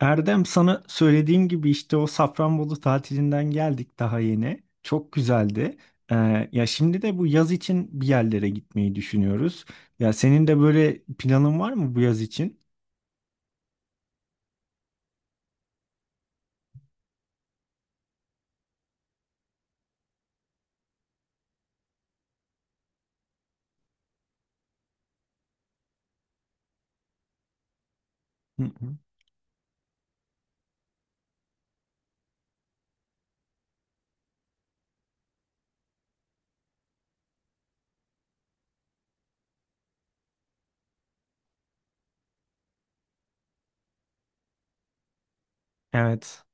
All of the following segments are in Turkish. Erdem sana söylediğim gibi işte o Safranbolu tatilinden geldik daha yeni. Çok güzeldi. Ya şimdi de bu yaz için bir yerlere gitmeyi düşünüyoruz. Ya senin de böyle planın var mı bu yaz için? Hı hı. Evet.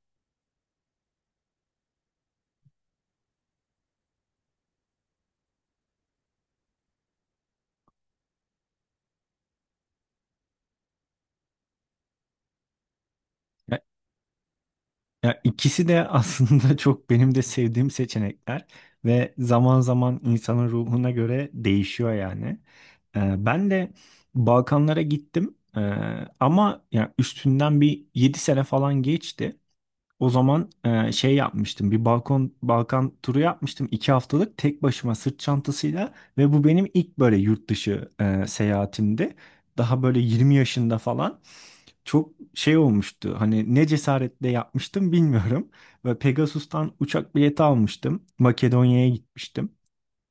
Ya, ya, ikisi de aslında çok benim de sevdiğim seçenekler ve zaman zaman insanın ruhuna göre değişiyor yani. Ben de Balkanlara gittim. Ama ya üstünden bir 7 sene falan geçti. O zaman şey yapmıştım. Bir Balkan turu yapmıştım. İki haftalık tek başıma sırt çantasıyla ve bu benim ilk böyle yurt dışı seyahatimdi. Daha böyle 20 yaşında falan çok şey olmuştu. Hani ne cesaretle yapmıştım bilmiyorum. Ve Pegasus'tan uçak bileti almıştım. Makedonya'ya gitmiştim.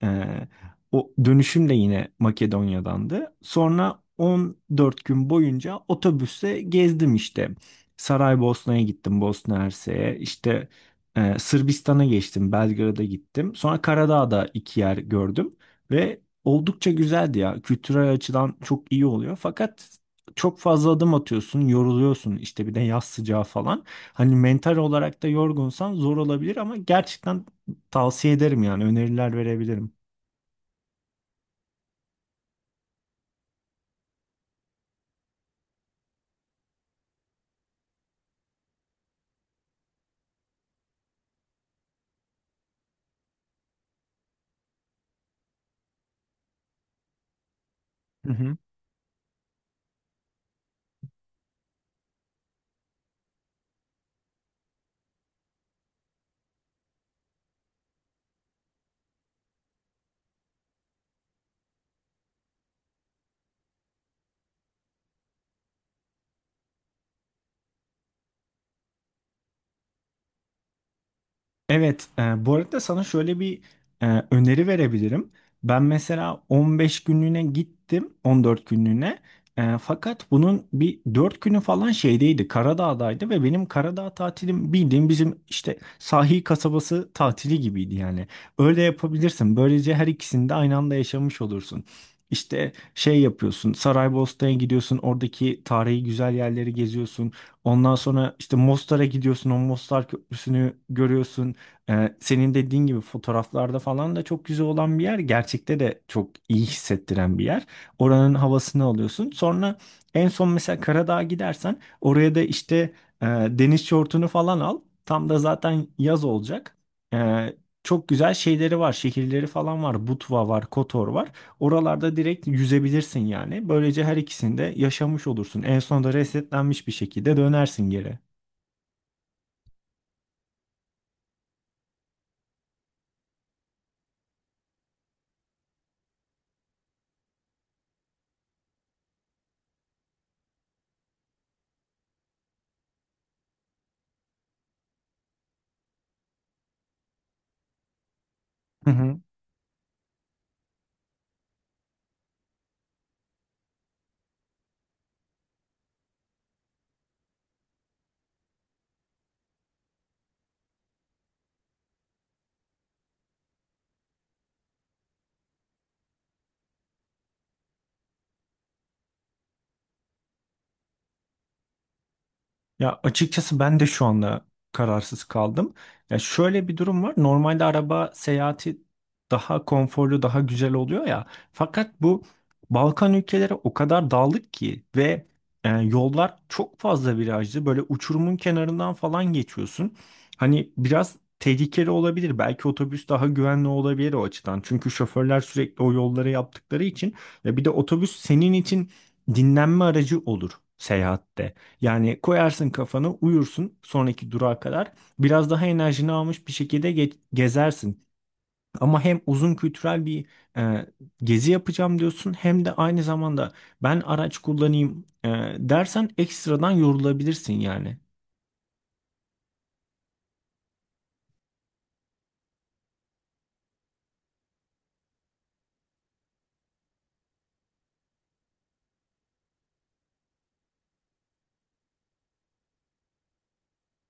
Ee, O dönüşüm de yine Makedonya'dandı. Sonra 14 gün boyunca otobüste gezdim işte. Saraybosna'ya gittim, Bosna Hersek'e. İşte Sırbistan'a geçtim, Belgrad'a gittim. Sonra Karadağ'da iki yer gördüm ve oldukça güzeldi ya. Kültürel açıdan çok iyi oluyor. Fakat çok fazla adım atıyorsun, yoruluyorsun. İşte bir de yaz sıcağı falan. Hani mental olarak da yorgunsan zor olabilir ama gerçekten tavsiye ederim yani öneriler verebilirim. Hı hı. Evet, bu arada sana şöyle bir öneri verebilirim. Ben mesela 15 günlüğüne gittim, 14 günlüğüne. Fakat bunun bir 4 günü falan şeydeydi, Karadağ'daydı ve benim Karadağ tatilim bildiğim bizim işte sahil kasabası tatili gibiydi yani. Öyle yapabilirsin. Böylece her ikisini de aynı anda yaşamış olursun. İşte şey yapıyorsun, Saraybosna'ya gidiyorsun, oradaki tarihi güzel yerleri geziyorsun. Ondan sonra işte Mostar'a gidiyorsun, o Mostar Köprüsü'nü görüyorsun. Senin dediğin gibi fotoğraflarda falan da çok güzel olan bir yer. Gerçekte de çok iyi hissettiren bir yer. Oranın havasını alıyorsun. Sonra en son mesela Karadağ'a gidersen oraya da işte deniz şortunu falan al. Tam da zaten yaz olacak. Ee, Çok güzel şeyleri var. Şehirleri falan var. Butva var, Kotor var. Oralarda direkt yüzebilirsin yani. Böylece her ikisini de yaşamış olursun. En sonunda resetlenmiş bir şekilde dönersin geri. Hı hı. Ya açıkçası ben de şu anda kararsız kaldım. Ya şöyle bir durum var. Normalde araba seyahati daha konforlu, daha güzel oluyor ya. Fakat bu Balkan ülkeleri o kadar dağlık ki ve yollar çok fazla virajlı. Böyle uçurumun kenarından falan geçiyorsun. Hani biraz tehlikeli olabilir. Belki otobüs daha güvenli olabilir o açıdan. Çünkü şoförler sürekli o yolları yaptıkları için. Ya bir de otobüs senin için dinlenme aracı olur seyahatte. Yani koyarsın kafanı uyursun sonraki durağa kadar. Biraz daha enerjini almış bir şekilde gezersin. Ama hem uzun kültürel bir e, gezi yapacağım diyorsun hem de aynı zamanda ben araç kullanayım, dersen ekstradan yorulabilirsin yani.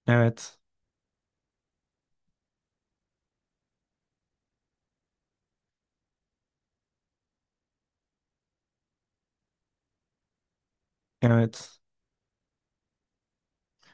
Evet, evet.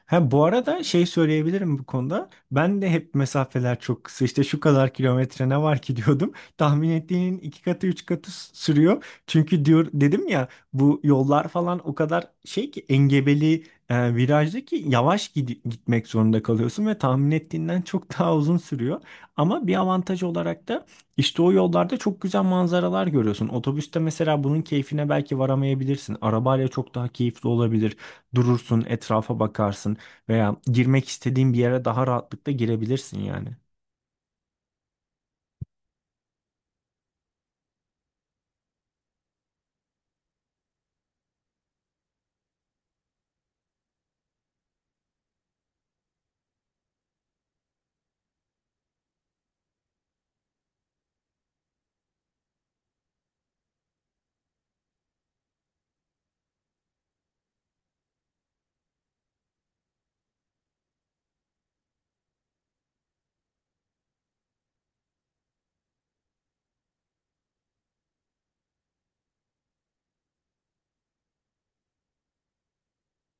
Ha, bu arada şey söyleyebilirim bu konuda. Ben de hep mesafeler çok kısa. İşte şu kadar kilometre ne var ki diyordum. Tahmin ettiğinin iki katı üç katı sürüyor. Çünkü diyor dedim ya bu yollar falan o kadar şey ki engebeli, virajlı ki yavaş gitmek zorunda kalıyorsun ve tahmin ettiğinden çok daha uzun sürüyor. Ama bir avantaj olarak da işte o yollarda çok güzel manzaralar görüyorsun. Otobüste mesela bunun keyfine belki varamayabilirsin. Arabayla çok daha keyifli olabilir, durursun, etrafa bakarsın. Veya girmek istediğin bir yere daha rahatlıkla girebilirsin yani.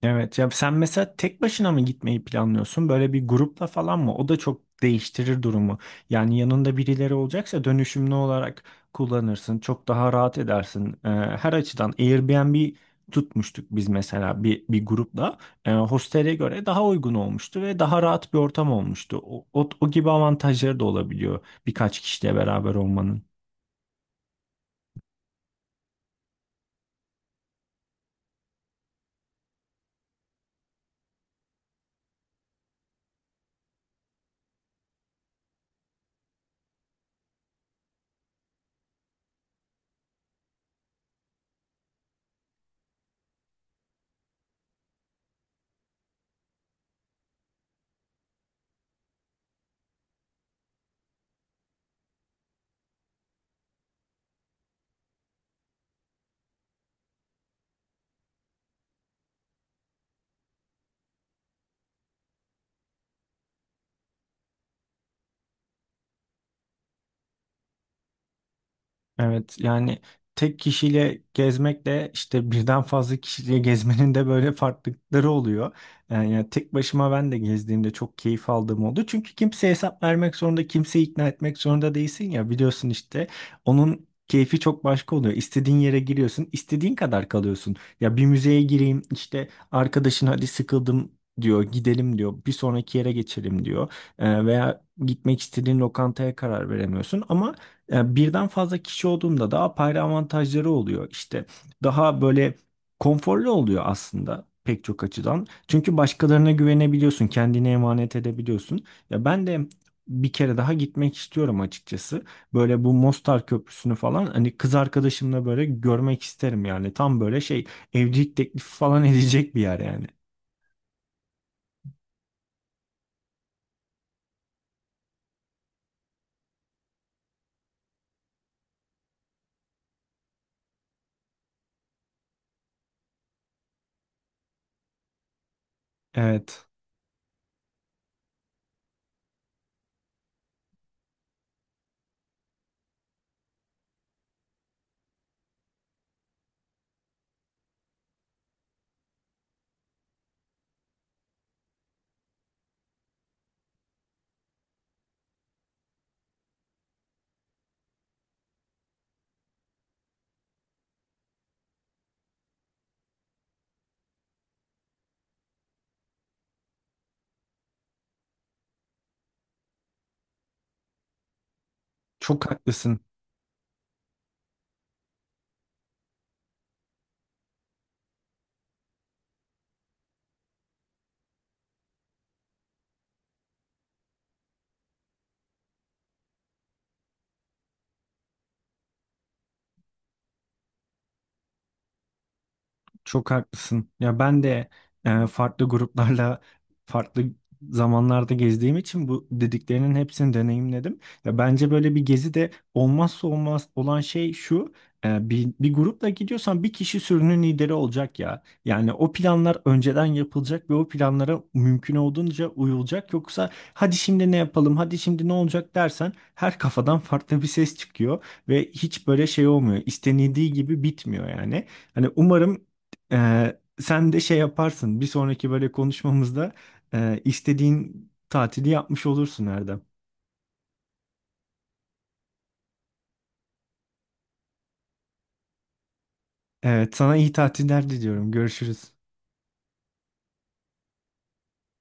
Evet, ya sen mesela tek başına mı gitmeyi planlıyorsun? Böyle bir grupla falan mı? O da çok değiştirir durumu. Yani yanında birileri olacaksa dönüşümlü olarak kullanırsın. Çok daha rahat edersin. Her açıdan Airbnb tutmuştuk biz mesela bir grupla. Hostele göre daha uygun olmuştu ve daha rahat bir ortam olmuştu. O gibi avantajları da olabiliyor birkaç kişiyle beraber olmanın. Evet yani tek kişiyle gezmekle işte birden fazla kişiyle gezmenin de böyle farklılıkları oluyor. Yani, tek başıma ben de gezdiğimde çok keyif aldığım oldu. Çünkü kimseye hesap vermek zorunda, kimseyi ikna etmek zorunda değilsin ya, biliyorsun işte. Onun keyfi çok başka oluyor. İstediğin yere giriyorsun, istediğin kadar kalıyorsun. Ya bir müzeye gireyim işte, arkadaşın hadi sıkıldım diyor, gidelim diyor. Bir sonraki yere geçelim diyor. Veya gitmek istediğin lokantaya karar veremiyorsun ama birden fazla kişi olduğunda daha apayrı avantajları oluyor. İşte daha böyle konforlu oluyor aslında pek çok açıdan. Çünkü başkalarına güvenebiliyorsun, kendine emanet edebiliyorsun. Ya ben de bir kere daha gitmek istiyorum açıkçası. Böyle bu Mostar Köprüsü'nü falan hani kız arkadaşımla böyle görmek isterim yani. Tam böyle şey, evlilik teklifi falan edecek bir yer yani. Evet. Çok haklısın. Çok haklısın. Ya ben de farklı gruplarla farklı zamanlarda gezdiğim için bu dediklerinin hepsini deneyimledim. Ya bence böyle bir gezi de olmazsa olmaz olan şey şu. Bir grupla gidiyorsan bir kişi sürünün lideri olacak ya. Yani o planlar önceden yapılacak ve o planlara mümkün olduğunca uyulacak. Yoksa hadi şimdi ne yapalım, hadi şimdi ne olacak dersen her kafadan farklı bir ses çıkıyor ve hiç böyle şey olmuyor. İstenildiği gibi bitmiyor yani. Hani umarım sen de şey yaparsın. Bir sonraki böyle konuşmamızda istediğin tatili yapmış olursun, Erdem. Evet, sana iyi tatiller diliyorum. Görüşürüz.